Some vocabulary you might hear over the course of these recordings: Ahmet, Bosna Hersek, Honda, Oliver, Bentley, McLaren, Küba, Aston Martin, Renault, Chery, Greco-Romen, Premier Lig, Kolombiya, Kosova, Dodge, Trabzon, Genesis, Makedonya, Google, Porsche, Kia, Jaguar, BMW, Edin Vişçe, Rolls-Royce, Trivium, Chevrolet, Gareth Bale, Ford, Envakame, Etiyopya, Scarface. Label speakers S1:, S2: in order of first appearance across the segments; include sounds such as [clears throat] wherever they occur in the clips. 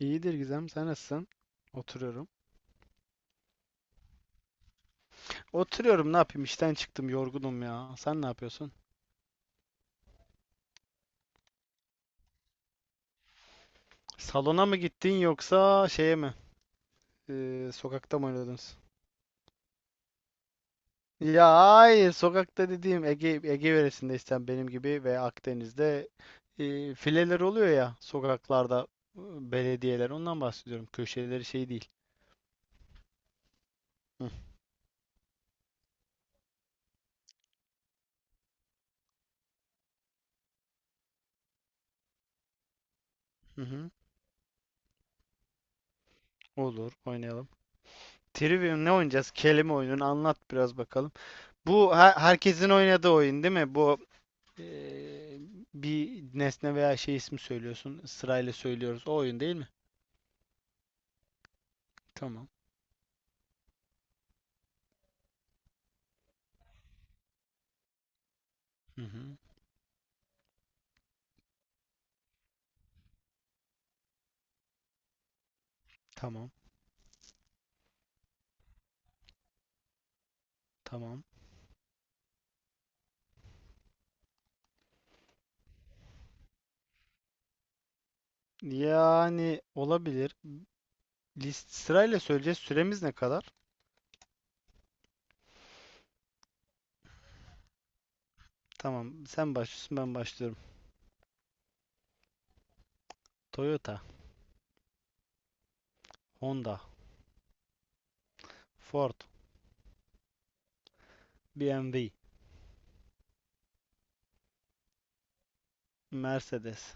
S1: İyidir Gizem, sen nasılsın? Oturuyorum. Oturuyorum, ne yapayım? İşten çıktım, yorgunum ya. Sen ne yapıyorsun? Salona mı gittin yoksa şeye mi? Sokakta mı oynadınız? Ya hayır, sokakta dediğim Ege yöresindeysen benim gibi ve Akdeniz'de fileler oluyor ya sokaklarda e, belediyeler. Ondan bahsediyorum. Köşeleri şey değil. Hı hı. Hı. Olur, oynayalım. Trivium ne oynayacağız? Kelime oyununu anlat biraz bakalım. Bu herkesin oynadığı oyun değil mi? Bu Ee, bir nesne veya şey ismi söylüyorsun. Sırayla söylüyoruz. O oyun değil mi? Tamam. Hı hı. Tamam. Tamam. Yani olabilir. List sırayla söyleyeceğiz. Süremiz ne kadar? Tamam. Sen başlıyorsun, ben başlıyorum. Toyota, Honda, Ford, BMW, Mercedes,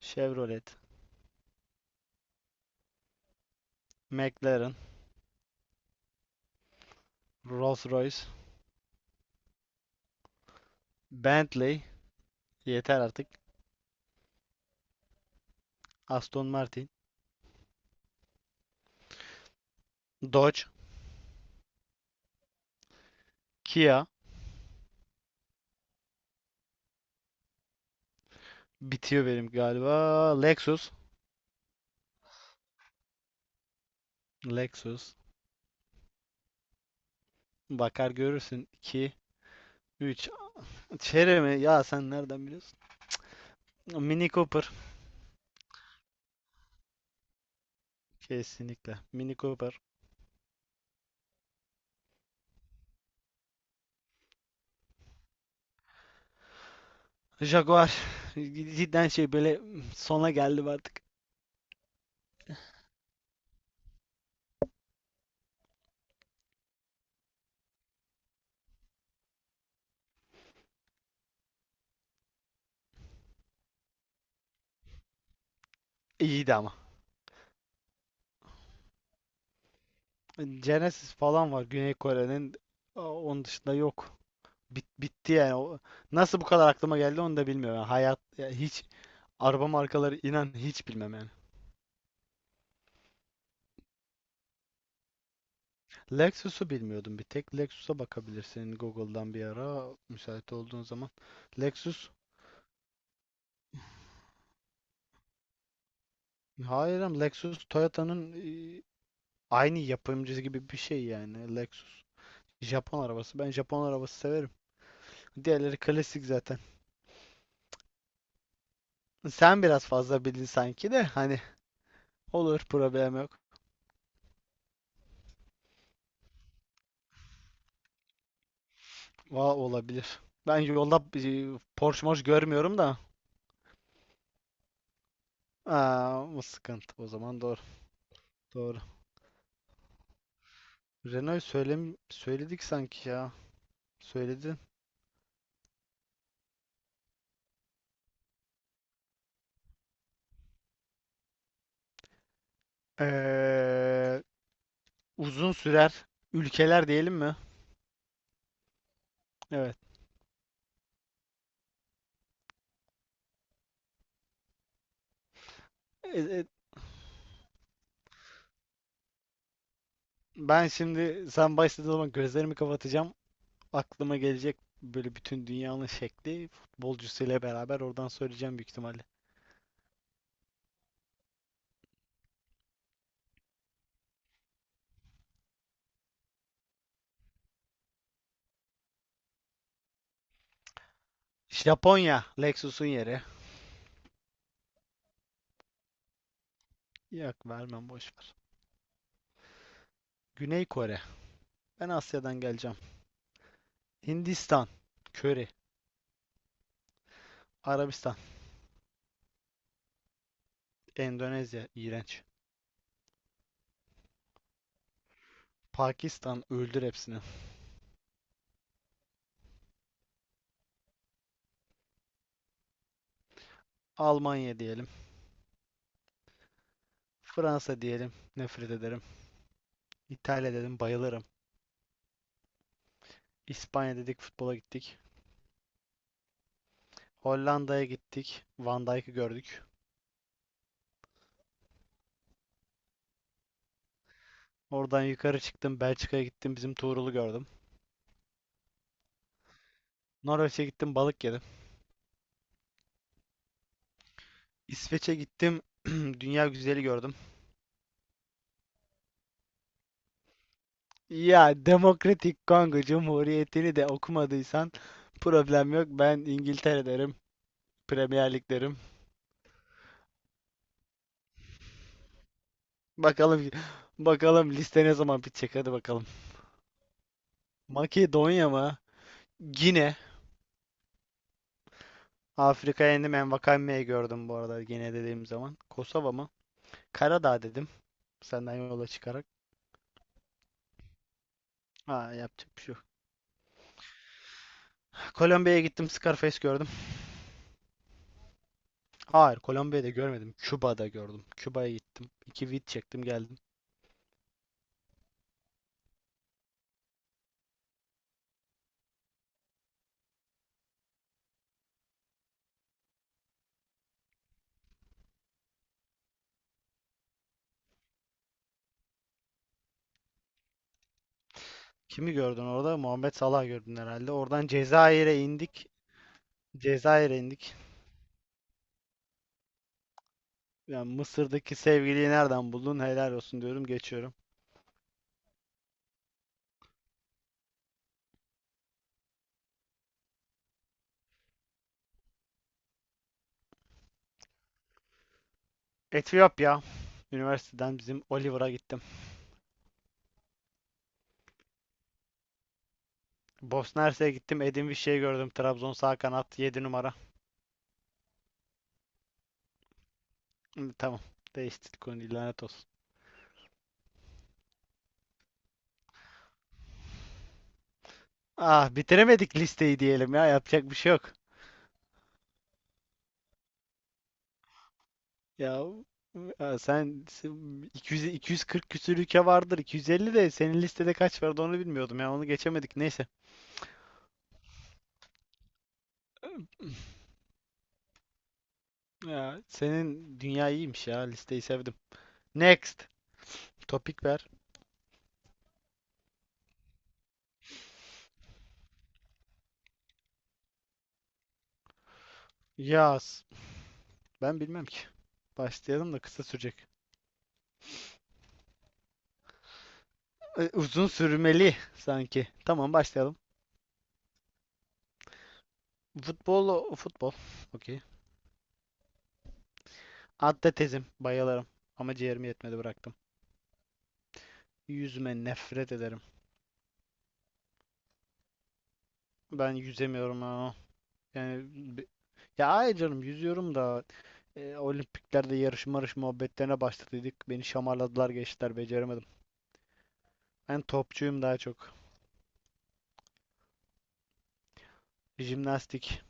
S1: Chevrolet, McLaren, Rolls-Royce, Bentley, yeter artık. Aston Martin, Dodge, Kia, bitiyor benim galiba. Lexus, Lexus, bakar görürsün. İki 3. Chery mi? Ya sen nereden biliyorsun? Mini Cooper. Kesinlikle. Mini Cooper. Jaguar. Cidden şey böyle sona geldi artık. İyiydi ama. Genesis falan var Güney Kore'nin. Aa, onun dışında yok. Bitti yani. Nasıl bu kadar aklıma geldi onu da bilmiyorum. Yani hayat ya hiç araba markaları inan hiç bilmem yani. Lexus'u bilmiyordum bir tek. Lexus'a bakabilirsin Google'dan bir ara müsait olduğun zaman. Lexus Hayır ama Lexus Toyota'nın e, aynı yapımcısı gibi bir şey yani. Lexus Japon arabası. Ben Japon arabası severim. Diğerleri klasik zaten. Sen biraz fazla bildin sanki de hani olur problem yok. Olabilir. Ben yolda Porsche moş görmüyorum da. Aa, o sıkıntı. O zaman doğru. Doğru. Renault'u söyledik sanki ya. Söyledin. Ee, uzun sürer ülkeler diyelim mi? Evet. E, e, Ben şimdi sen başladığın zaman gözlerimi kapatacağım. Aklıma gelecek böyle bütün dünyanın şekli futbolcusuyla beraber oradan söyleyeceğim büyük ihtimalle. Japonya, Lexus'un yeri. Yok vermem boş ver. Güney Kore. Ben Asya'dan geleceğim. Hindistan, köri. Arabistan, Endonezya, iğrenç. Pakistan, öldür hepsini. Almanya diyelim. Fransa diyelim. Nefret ederim. İtalya dedim, bayılırım. İspanya dedik, futbola gittik. Hollanda'ya gittik. Van Dijk'ı gördük. Oradan yukarı çıktım. Belçika'ya gittim. Bizim Tuğrul'u gördüm. Norveç'e gittim. Balık yedim. İsveç'e gittim. [clears throat] [laughs] Dünya güzeli gördüm. Ya Demokratik Kongo Cumhuriyeti'ni de okumadıysan problem yok. Ben İngiltere derim. Premier Lig derim. Bakalım bakalım liste ne zaman bitecek. Hadi bakalım. Makedonya mı? Gine. Afrika'ya indim. Envakame'yi gördüm bu arada. Gine dediğim zaman. Kosova mı? Karadağ dedim. Senden yola çıkarak. Ha, yapacak bir şey yok. Kolombiya'ya gittim. Scarface gördüm. Hayır, Kolombiya'da görmedim. Küba'da gördüm. Küba'ya gittim. İki vid çektim geldim. Kimi gördün orada? Muhammed Salah gördün herhalde. Oradan Cezayir'e indik. Cezayir'e indik. Yani Mısır'daki sevgiliyi nereden buldun? Helal olsun diyorum. Geçiyorum. Etiyopya. Üniversiteden bizim Oliver'a gittim. Bosna Hersek'e gittim. Edin Vişçe'yi gördüm. Trabzon sağ kanat 7 numara. Hı, tamam. Değiştirdik onu. Lanet olsun. Ah bitiremedik listeyi diyelim ya. Yapacak bir şey yok. Ya ya sen 200 240 küsür ülke vardır. 250 de senin listede kaç vardı onu bilmiyordum ya. Onu geçemedik. Neyse. Ya senin dünya iyiymiş ya. Listeyi sevdim. Next. Topik ver. Yaz. Ben bilmem ki. Başlayalım da kısa sürecek. Uzun sürmeli sanki. Tamam başlayalım. Futbol. Okey. Atletizm bayılırım ama ciğerim yetmedi bıraktım. Yüzme nefret ederim. Ben yüzemiyorum ha. Yani be- ya ay canım yüzüyorum da olimpiklerde yarış marış muhabbetlerine başladıydık. Beni şamarladılar geçtiler beceremedim. Ben topçuyum daha çok. Jimnastik,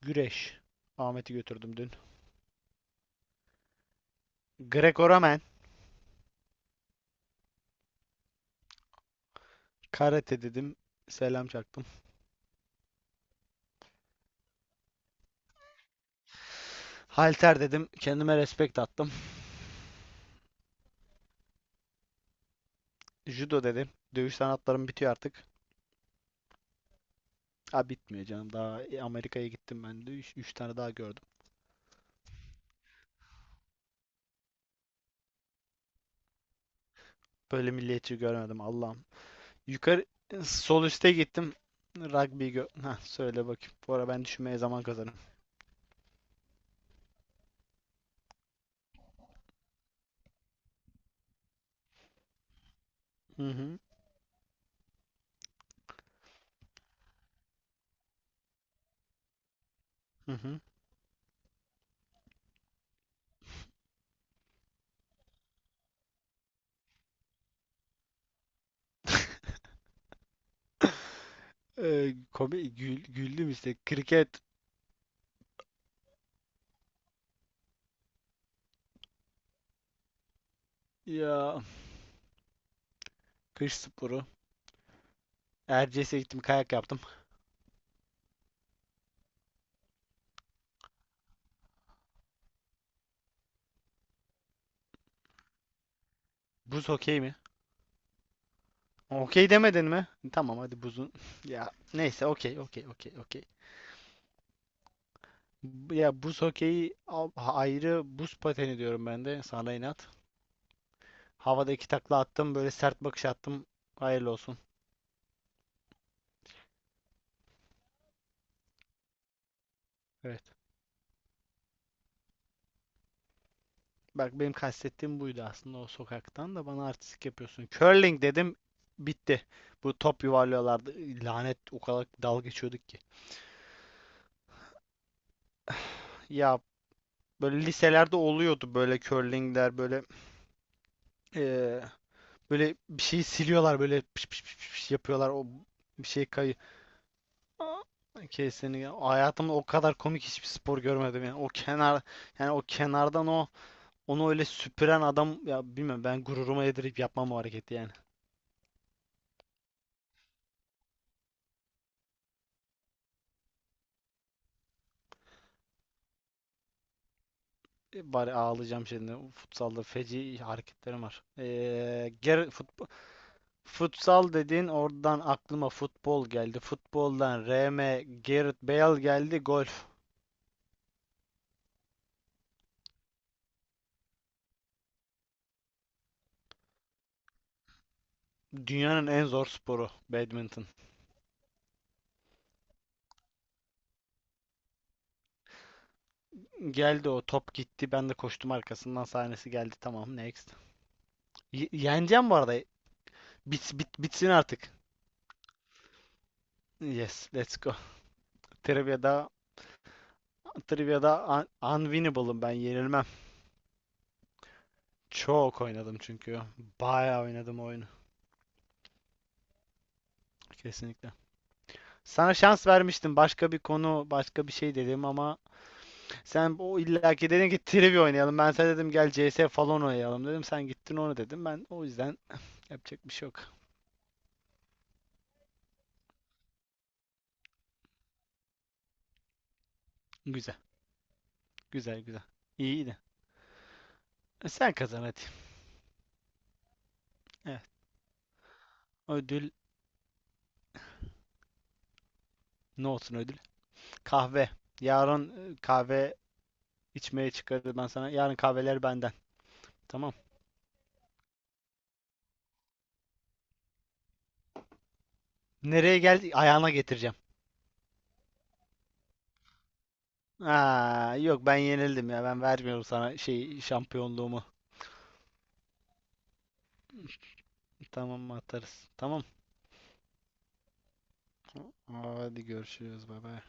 S1: güreş. Ahmet'i götürdüm dün. Greco-Romen, karate dedim. Selam çaktım. Halter dedim. Kendime respekt attım. Judo dedim. Dövüş sanatlarım bitiyor artık. Ha bitmiyor canım. Daha Amerika'ya gittim ben de. 3 tane daha gördüm. Böyle milliyetçi görmedim Allah'ım. Yukarı sol üste gittim. Rugby heh, söyle bakayım. Bu ara ben düşünmeye zaman kazanırım. Hı hı. Hı hı. Komik güldüm işte. Kriket ya kış sporu. Erciyes'e gittim kayak yaptım. Buz okey mi? Okey demedin mi? Tamam hadi buzun. [laughs] Ya neyse okey okey okey okey. Ya buz hokeyi ayrı buz pateni diyorum ben de sana inat. Havada iki takla attım böyle sert bakış attım. Hayırlı olsun. Evet. Bak benim kastettiğim buydu aslında o sokaktan da bana artistik yapıyorsun. Curling dedim bitti. Bu top yuvarlıyorlardı. Lanet o kadar dalga geçiyorduk ki. Ya böyle liselerde oluyordu böyle curlingler böyle eee, böyle bir şeyi siliyorlar böyle piş piş piş piş yapıyorlar o bir şey kayı. Kesinlikle. Hayatımda o kadar komik hiçbir spor görmedim yani. O kenar yani o kenardan onu öyle süpüren adam ya bilmiyorum ben gururuma yedirip yapmam o hareketi yani. Bari ağlayacağım şimdi. Futsalda feci hareketlerim var. Ger futbol, futsal dedin oradan aklıma futbol geldi. Futboldan R. M. Gareth Bale geldi. Golf. Dünyanın en zor sporu badminton. Geldi o top gitti. Ben de koştum arkasından sahnesi geldi. Tamam next. Yeneceğim bu arada. Bitsin artık. Yes, let's go. Trivia'da Trivia'da unwinnable'ım ben yenilmem. Çok oynadım çünkü. Bayağı oynadım oyunu. Kesinlikle. Sana şans vermiştim. Başka bir konu, başka bir şey dedim ama sen o illaki dedin ki trivia oynayalım. Ben sana dedim gel CS falan oynayalım dedim. Sen gittin onu dedim. Ben o yüzden [laughs] yapacak bir şey yok. Güzel, güzel, güzel. İyiydi. Sen kazan hadi. Evet. Ödül ne olsun ödül? Kahve. Yarın kahve içmeye çıkarız ben sana. Yarın kahveler benden. Tamam. Nereye geldi? Ayağına getireceğim. Aa, yok ben yenildim ya. Ben vermiyorum sana şey şampiyonluğumu. Tamam mı atarız? Tamam. Tamam. Hadi görüşürüz. Bay bay.